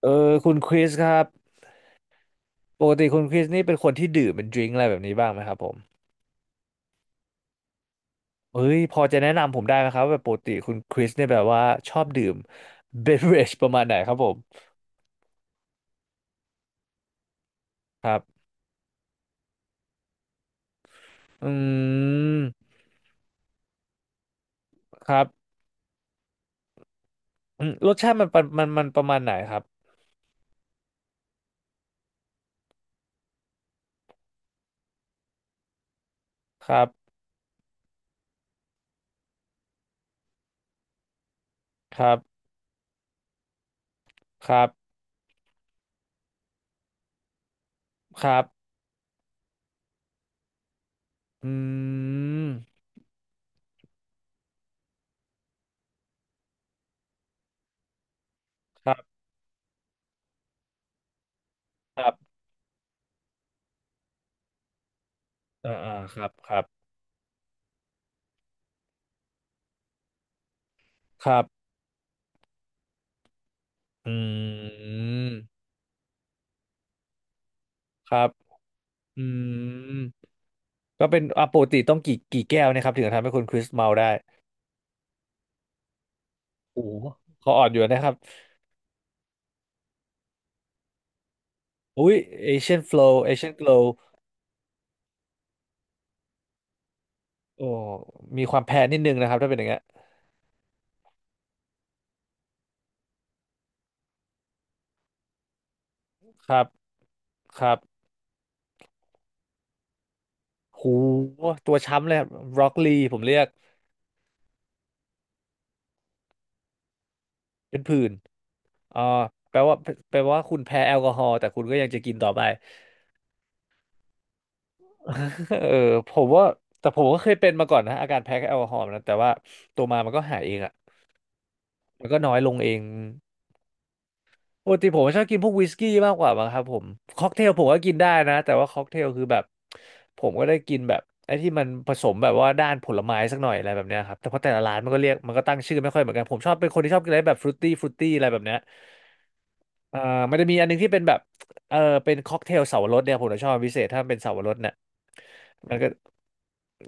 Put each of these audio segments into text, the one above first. เออคุณคริสครับปกติคุณคริสนี่เป็นคนที่ดื่มเป็นดริงก์อะไรแบบนี้บ้างไหมครับผมเอ้ยพอจะแนะนำผมได้ไหมครับว่าแบบปกติคุณคริสเนี่ยแบบว่าชอบดื่ม เบเวอเรจประมาณไหนครับผมครับอืมครับอืมรสชาติมันประมาณไหนครับครับครับครับครับอืมครับครับอ่าอ่าครับครับครับอืมครับอืมก็เป็นอ่ะปกติต้องกี่แก้วเนะครับถึงจะทำให้คุณคริสเมาได้ โอ้โหเขาอ่อนอยู่นะครับ อุ้ย Asian flow Asian glow โโอ้มีความแพ้นิดนึงนะครับถ้าเป็นอย่างเงี้ยครับครับหูตัวช้ำเลยครับบรอกลีผมเรียกเป็นผื่นอ่าแปลว่าแปลว่าคุณแพ้แอลกอฮอล์แต่คุณก็ยังจะกินต่อไป เออผมว่าแต่ผมก็เคยเป็นมาก่อนนะอาการแพ้แอลกอฮอล์นะแต่ว่าตัวมามันก็หายเองอ่ะมันก็น้อยลงเอง ปกติผมชอบกินพวกวิสกี้มากกว่ามั้งครับผมค็อกเทลผมก็กินได้นะแต่ว่าค็อกเทลคือแบบผมก็ได้กินแบบไอ้ที่มันผสมแบบว่าด้านผลไม้สักหน่อยอะไรแบบเนี้ยครับแต่เพราะแต่ละร้านมันก็เรียกมันก็ตั้งชื่อไม่ค่อยเหมือนกันผมชอบเป็นคนที่ชอบกินอะไรแบบฟรุตตี้ฟรุตตี้อะไรแบบเนี้ยอ่ามันจะมีอันนึงที่เป็นแบบเออเป็นค็อกเทลเสาวรสเนี่ยผมจะชอบเป็นพิเศษถ้ามันเป็นเสาวรสเนี่ยมันก็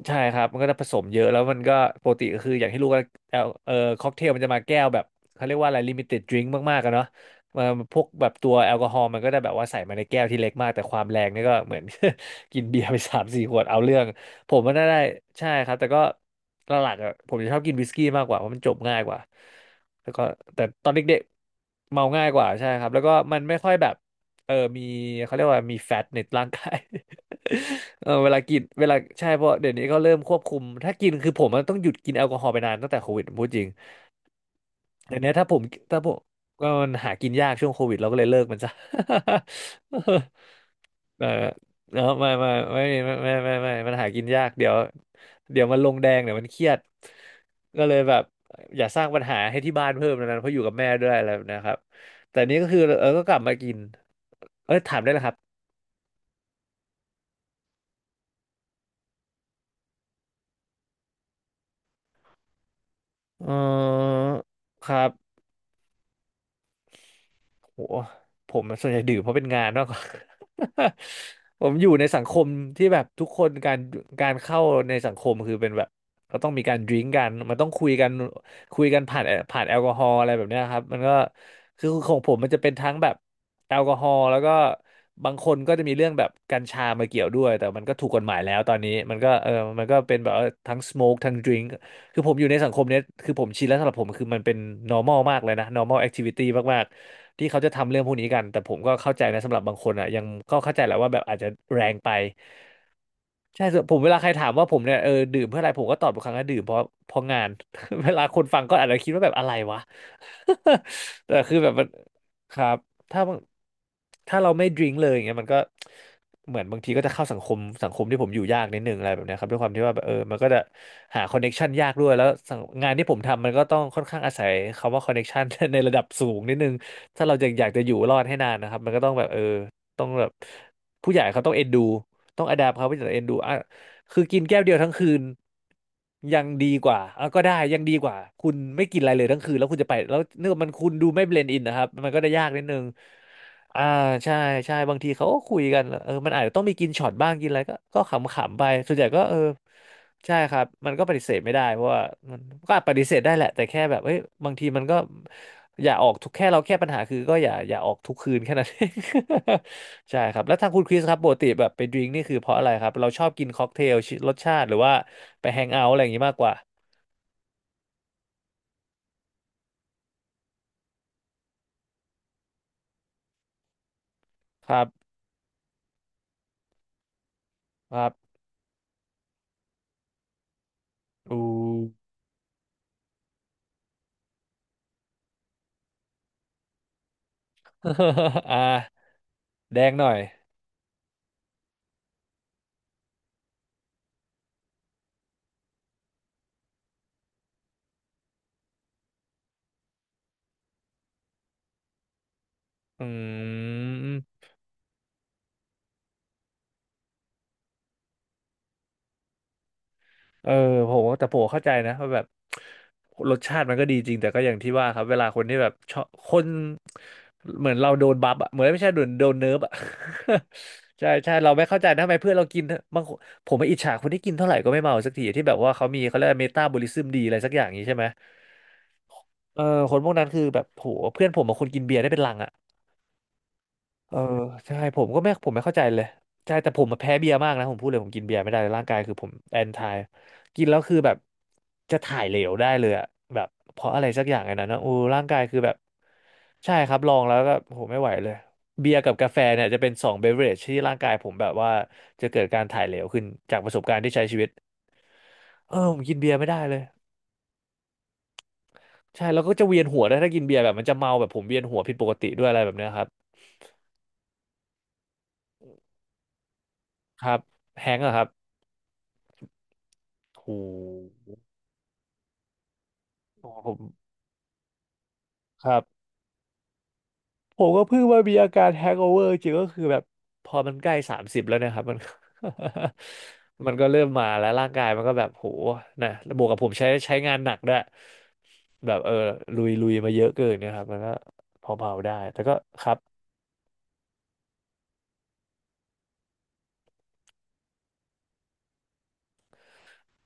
ใช่ครับมันก็จะผสมเยอะแล้วมันก็ปกติก็คืออย่างที่รู้กันแอลค็อกเทลมันจะมาแก้วแบบเขาเรียกว่าอะไรลิมิเต็ดดริงก์มากๆกันเนาะมาพวกแบบตัวแอลกอฮอล์มันก็จะแบบว่าใส่มาในแก้วที่เล็กมากแต่ความแรงนี่ก็เหมือน กินเบียร์ไปสามสี่ขวดเอาเรื่องผมมันได้ใช่ครับแต่ก็หลักๆอะผมจะชอบกินวิสกี้มากกว่าเพราะมันจบง่ายกว่าแล้วก็แต่ตอนเด็กๆเมาง่ายกว่าใช่ครับแล้วก็มันไม่ค่อยแบบมีเขาเรียกว่ามีแฟตในร่างกาย เออเวลากินเวลาใช่เพราะเดี๋ยวนี้เขาเริ่มควบคุมถ้ากินคือผมมันต้องหยุดกินแอลกอฮอล์ไปนานตั้งแต่โควิดผมพูดจริงเดี๋ยวนี้ถ้าผมก็มันหากินยากช่วงโควิดเราก็เลยเลิกมันซะ เออเออเนาะไม่มันหากินยากเดี๋ยวมันลงแดงเดี๋ยวมันเครียดก็เลยแบบอย่าสร้างปัญหาให้ที่บ้านเพิ่มนะเพราะอยู่กับแม่ด้วยอะไรแบบนะครับแต่นี้ก็คือเออก็กลับมากินเออถามได้แล้วครับเออครับ โหผมส่วนใหญ่ดื่มเพราะเป็นงานมากกว่า ผมอยู่ในสังคมที่แบบทุกคนการเข้าในสังคมคือเป็นแบบก็ต้องมีการดื่มกันมันต้องคุยกันคุยกันผ่านแอลกอฮอล์อะไรแบบเนี้ยครับมันก็คือของผมมันจะเป็นทั้งแบบแอลกอฮอล์แล้วก็บางคนก็จะมีเรื่องแบบกัญชามาเกี่ยวด้วยแต่มันก็ถูกกฎหมายแล้วตอนนี้มันก็เออมันก็เป็นแบบว่าทั้งสโมกทั้งดื่มคือผมอยู่ในสังคมเนี้ยคือผมชินแล้วสำหรับผมคือมันเป็น normal มากเลยนะ normal activity มาก ที่เขาจะทำเรื่องพวกนี้กันแต่ผมก็เข้าใจนะสำหรับบางคนอ่ะยังก็เข้าใจแหละว่าแบบอาจจะแรงไปใช่ส่วนผมเวลาใครถามว่าผมเนี่ยเออดื่มเพื่ออะไรผมก็ตอบทุกครั้งว่าดื่มเพราะงาน เวลาคนฟังก็อาจจะคิดว่าแบบอะไรวะ แต่คือแบบมัน ครับถ้าบางถ้าเราไม่ดริงเลยอย่างเงี้ยมันก็เหมือนบางทีก็จะเข้าสังคมที่ผมอยู่ยากนิดนึงอะไรแบบเนี้ยครับด้วยความที่ว่าแบบเออมันก็จะหาคอนเน็กชันยากด้วยแล้วสังงานที่ผมทำมันก็ต้องค่อนข้างอาศัยคำว่าคอนเน็กชัน ในระดับสูงนิดนึงถ้าเราจะอยากจะอยู่รอดให้นานนะครับมันก็ต้องแบบต้องแบบผู้ใหญ่เขาต้องเอ็นดูต้องอดาปเขาผู้ใหญ่เอ็นดู คือกินแก้วเดียวทั้งคืนยังดีกว่าอ่ะก็ได้ยังดีกว่าคุณไม่กินอะไรเลยทั้งคืนแล้วคุณจะไปแล้วเนื่องมันคุณดูไม่เบลนด์อินนะครับมันก็จะยากนิดนึง อ่าใช่บางทีเขาก็คุยกันเออมันอาจจะต้องมีกินช็อตบ้างกินอะไรก็ขำๆไปส่วนใหญ่ก็เออใช่ครับมันก็ปฏิเสธไม่ได้เพราะว่ามันก็ปฏิเสธได้แหละแต่แค่แบบเอ้ยบางทีมันก็อย่าออกทุกแค่เราแค่ปัญหาคือก็อย่าออกทุกคืนแค่นั้น เอง ใช่ครับแล้วทางคุณคริสครับปกติแบบไปดื่มนี่คือเพราะอะไรครับเราชอบกินค็อกเทลรสชาติหรือว่าไปแฮงเอาท์อะไรอย่างนี้มากกว่าครับครับอู อ่าแดงหน่อยอืม เออผมแต่ผมเข้าใจนะว่าแบบรสชาติมันก็ดีจริงแต่ก็อย่างที่ว่าครับเวลาคนที่แบบชอบคนเหมือนเราโดนบัฟอะเหมือนไม่ใช่โดนเนิร์ฟอะ ใช่เราไม่เข้าใจนะทำไมเพื่อนเรากินบางคนผมไม่อิจฉาคนที่กินเท่าไหร่ก็ไม่เมาสักทีที่แบบว่าเขาเรียกเมตาบอลิซึมดีอะไรสักอย่างนี้ใช่ไหมเออคนพวกนั้นคือแบบโหเพื่อนผมบางคนกินเบียร์ได้เป็นลังอะ เออใช่ผมก็ไม่ผมไม่เข้าใจเลยใช่แต่ผมมาแพ้เบียร์มากนะผมพูดเลยผมกินเบียร์ไม่ได้เลยร่างกายคือผมแอนทายกินแล้วคือแบบจะถ่ายเหลวได้เลยอะแบบเพราะอะไรสักอย่างไงนนนะโอ้ร่างกายคือแบบใช่ครับลองแล้วก็โหไม่ไหวเลยเบียร์กับกาแฟเนี่ยจะเป็นสองเบเวอเรจที่ร่างกายผมแบบว่าจะเกิดการถ่ายเหลวขึ้นจากประสบการณ์ที่ใช้ชีวิตเออผมกินเบียร์ไม่ได้เลยใช่แล้วก็จะเวียนหัวได้วยถ้ากินเบียร์แบบมันจะเมาแบบผมเวียนหัวผิดปกติด้วยอะไรแบบเนี้ยครับครับแฮงก์อะครับโห ครับผมก็เพิ่งว่ามีอาการแฮงโอเวอร์จริงก็คือแบบพอมันใกล้30แล้วเนะครับมัน มันก็เริ่มมาแล้วร่างกายมันก็แบบโหนะแล้วบวกกับผมใช้งานหนักด้วยแบบลุยมาเยอะเกินเนะครับมันก็พอเผาๆได้แต่ก็ครับ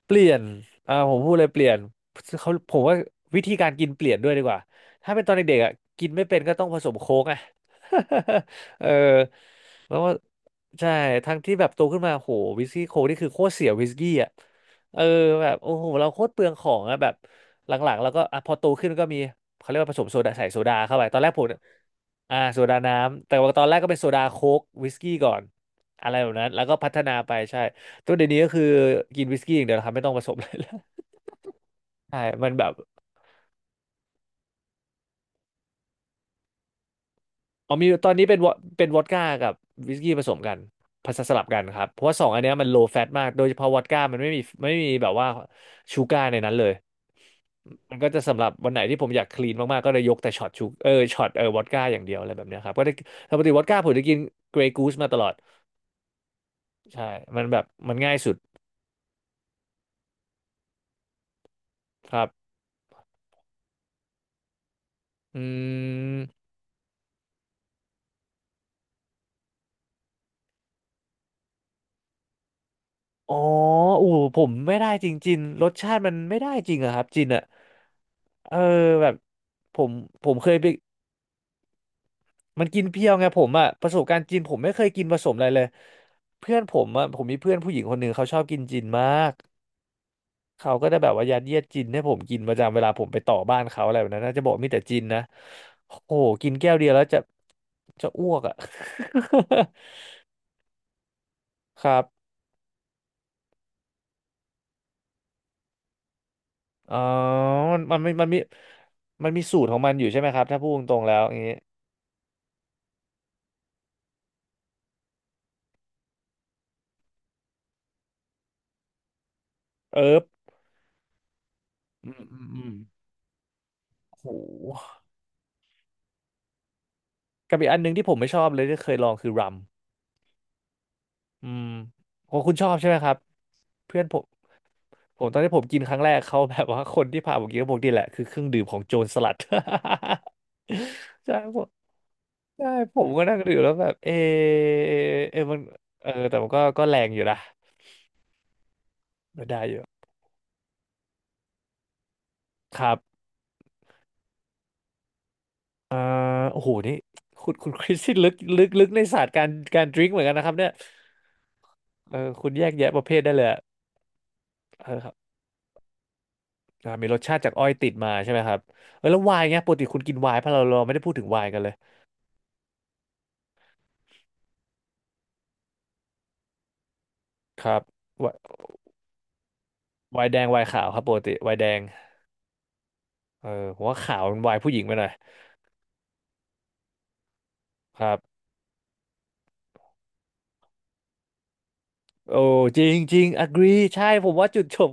เปลี่ยนอ่าผมพูดเลยเปลี่ยนเขาผมว่าวิธีการกินเปลี่ยนด้วยดีกว่าถ้าเป็นตอนเด็กๆอ่ะกินไม่เป็นก็ต้องผสมโค้กอ่ะ เออแล้วก็ใช่ทั้งที่แบบโตขึ้นมาโหวิสกี้โค้กนี่คือโคตรเสียวิสกี้อ่ะเออแบบโอ้โหเราโคตรเปลืองของอ่ะแบบหลังๆแล้วก็อ่ะพอโตขึ้นก็มีเขาเรียกว่าผสมโซดาใส่โซดาเข้าไปตอนแรกผม่อ่าโซดาน้ำแต่ว่าตอนแรกก็เป็นโซดาโค้กวิสกี้ก่อนอะไรแบบนั้นแล้วก็พัฒนาไปใช่ ตัวเดี๋ยวนี้ก็คือกินวิสกี้อย่างเดียวนะครับไม่ต้องผสมเลยแล้ว ใช่มันแบบอ๋อมีตอนนี้เป็นวอดก้ากับวิสกี้ผสมกันผสมสลับกันครับเพราะว่าสองอันเนี้ยมันโลแฟตมากโดยเฉพาะวอดก้ามันไม่มีแบบว่าชูการ์ในนั้นเลยมันก็จะสำหรับวันไหนที่ผมอยากคลีนมากๆก็เลยยกแต่ช็อตวอดก้าอย่างเดียวอะไรแบบเนี้ยครับก็ได้ปกติวอดก้าผมจะกินเกรย์กูสมาตลอดใช่มันแบบมันง่ายสุดครับอืม อ๋อโอ้โหผมไม่ได้จริงจินรสชาติมันไม่ได้จริงอะครับจินอะเออแบบผมเคยไปมันกินเพียวไงผมอะประสบการณ์จินผมไม่เคยกินผสมอะไรเลยเพื่อนผมอะผมมีเพื่อนผู้หญิงคนหนึ่งเขาชอบกินจินมากเขาก็ได้แบบว่ายัดเยียดจินให้ผมกินประจำเวลาผมไปต่อบ้านเขาอะไรแบบนั้นน่าจะบอกมีแต่จินนะโอ้โหกินแก้วเดียวแล้วจะอ้วกอะ ครับอ๋อมันมันมีมันมีสูตรของมันอยู่ใช่ไหมครับถ้าพูดตรงๆแล้วอย่างนี้ เอิบอืมโหกับอีกอันหนึงที่ผมไม่ชอบเลยที่เคยลองคือรัมอืมโหคุณชอบใช่ไหมครับเพื่อนผมตอนที่ผมกินครั้งแรกเขาแบบว่าคนที่พาผมกินก็บอกนี่แหละคือเครื่องดื่มของโจรสลัด ใช่ผมใช่ผมก็นั่งดื่มแล้วแบบเอะมันเออแต่มันก็ก็แรงอยู่นะก็ได้อยู่ครับเอ่อโอ้โหนี่คุณคริสที่ลึกลึกในศาสตร์การดื่มเหมือนกันนะครับเนี่ยเออคุณแยกแยะประเภทได้เลยอะเออ อ่ามีรสชาติจากอ้อยติดมาใช่ไหมครับเออแล้วไวน์เนี้ยปกติคุณกินไวน์เพราะเราไม่ได้พูดถึงไวน์กันเลยครับไวน์ไวน์แดงไวน์ขาวครับปกติไวน์แดงเออผมว่าขาวมันไวน์ผู้หญิงไปหน่อยครับโอ้จริงจริง agree ใช่ผมว่าจุดจบ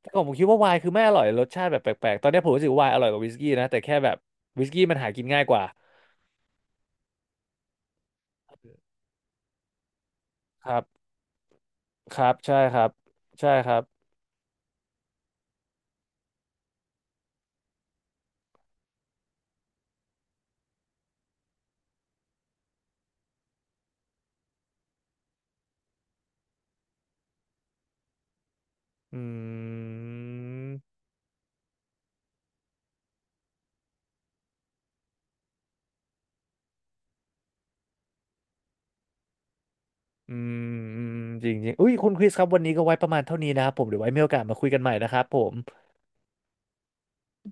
แต่ก่อนผมคิดว่าไวน์คือไม่อร่อยรสชาติแบบแปลกๆตอนนี้ผมรู้สึกไวน์อร่อยกว่าวิสกี้นะแต่แค่แบบวิสกี้มันหากินง่ายกว่าครับครับใช่ครับใช่ครับอืม อืมจริงจริง อุ้ยคุณคริสครับวันนี้ก็ไว้ประมาณเท่านี้นะครับผมเดี๋ยวไว้มีโอกาสมาคุยกันใหม่นะครับผม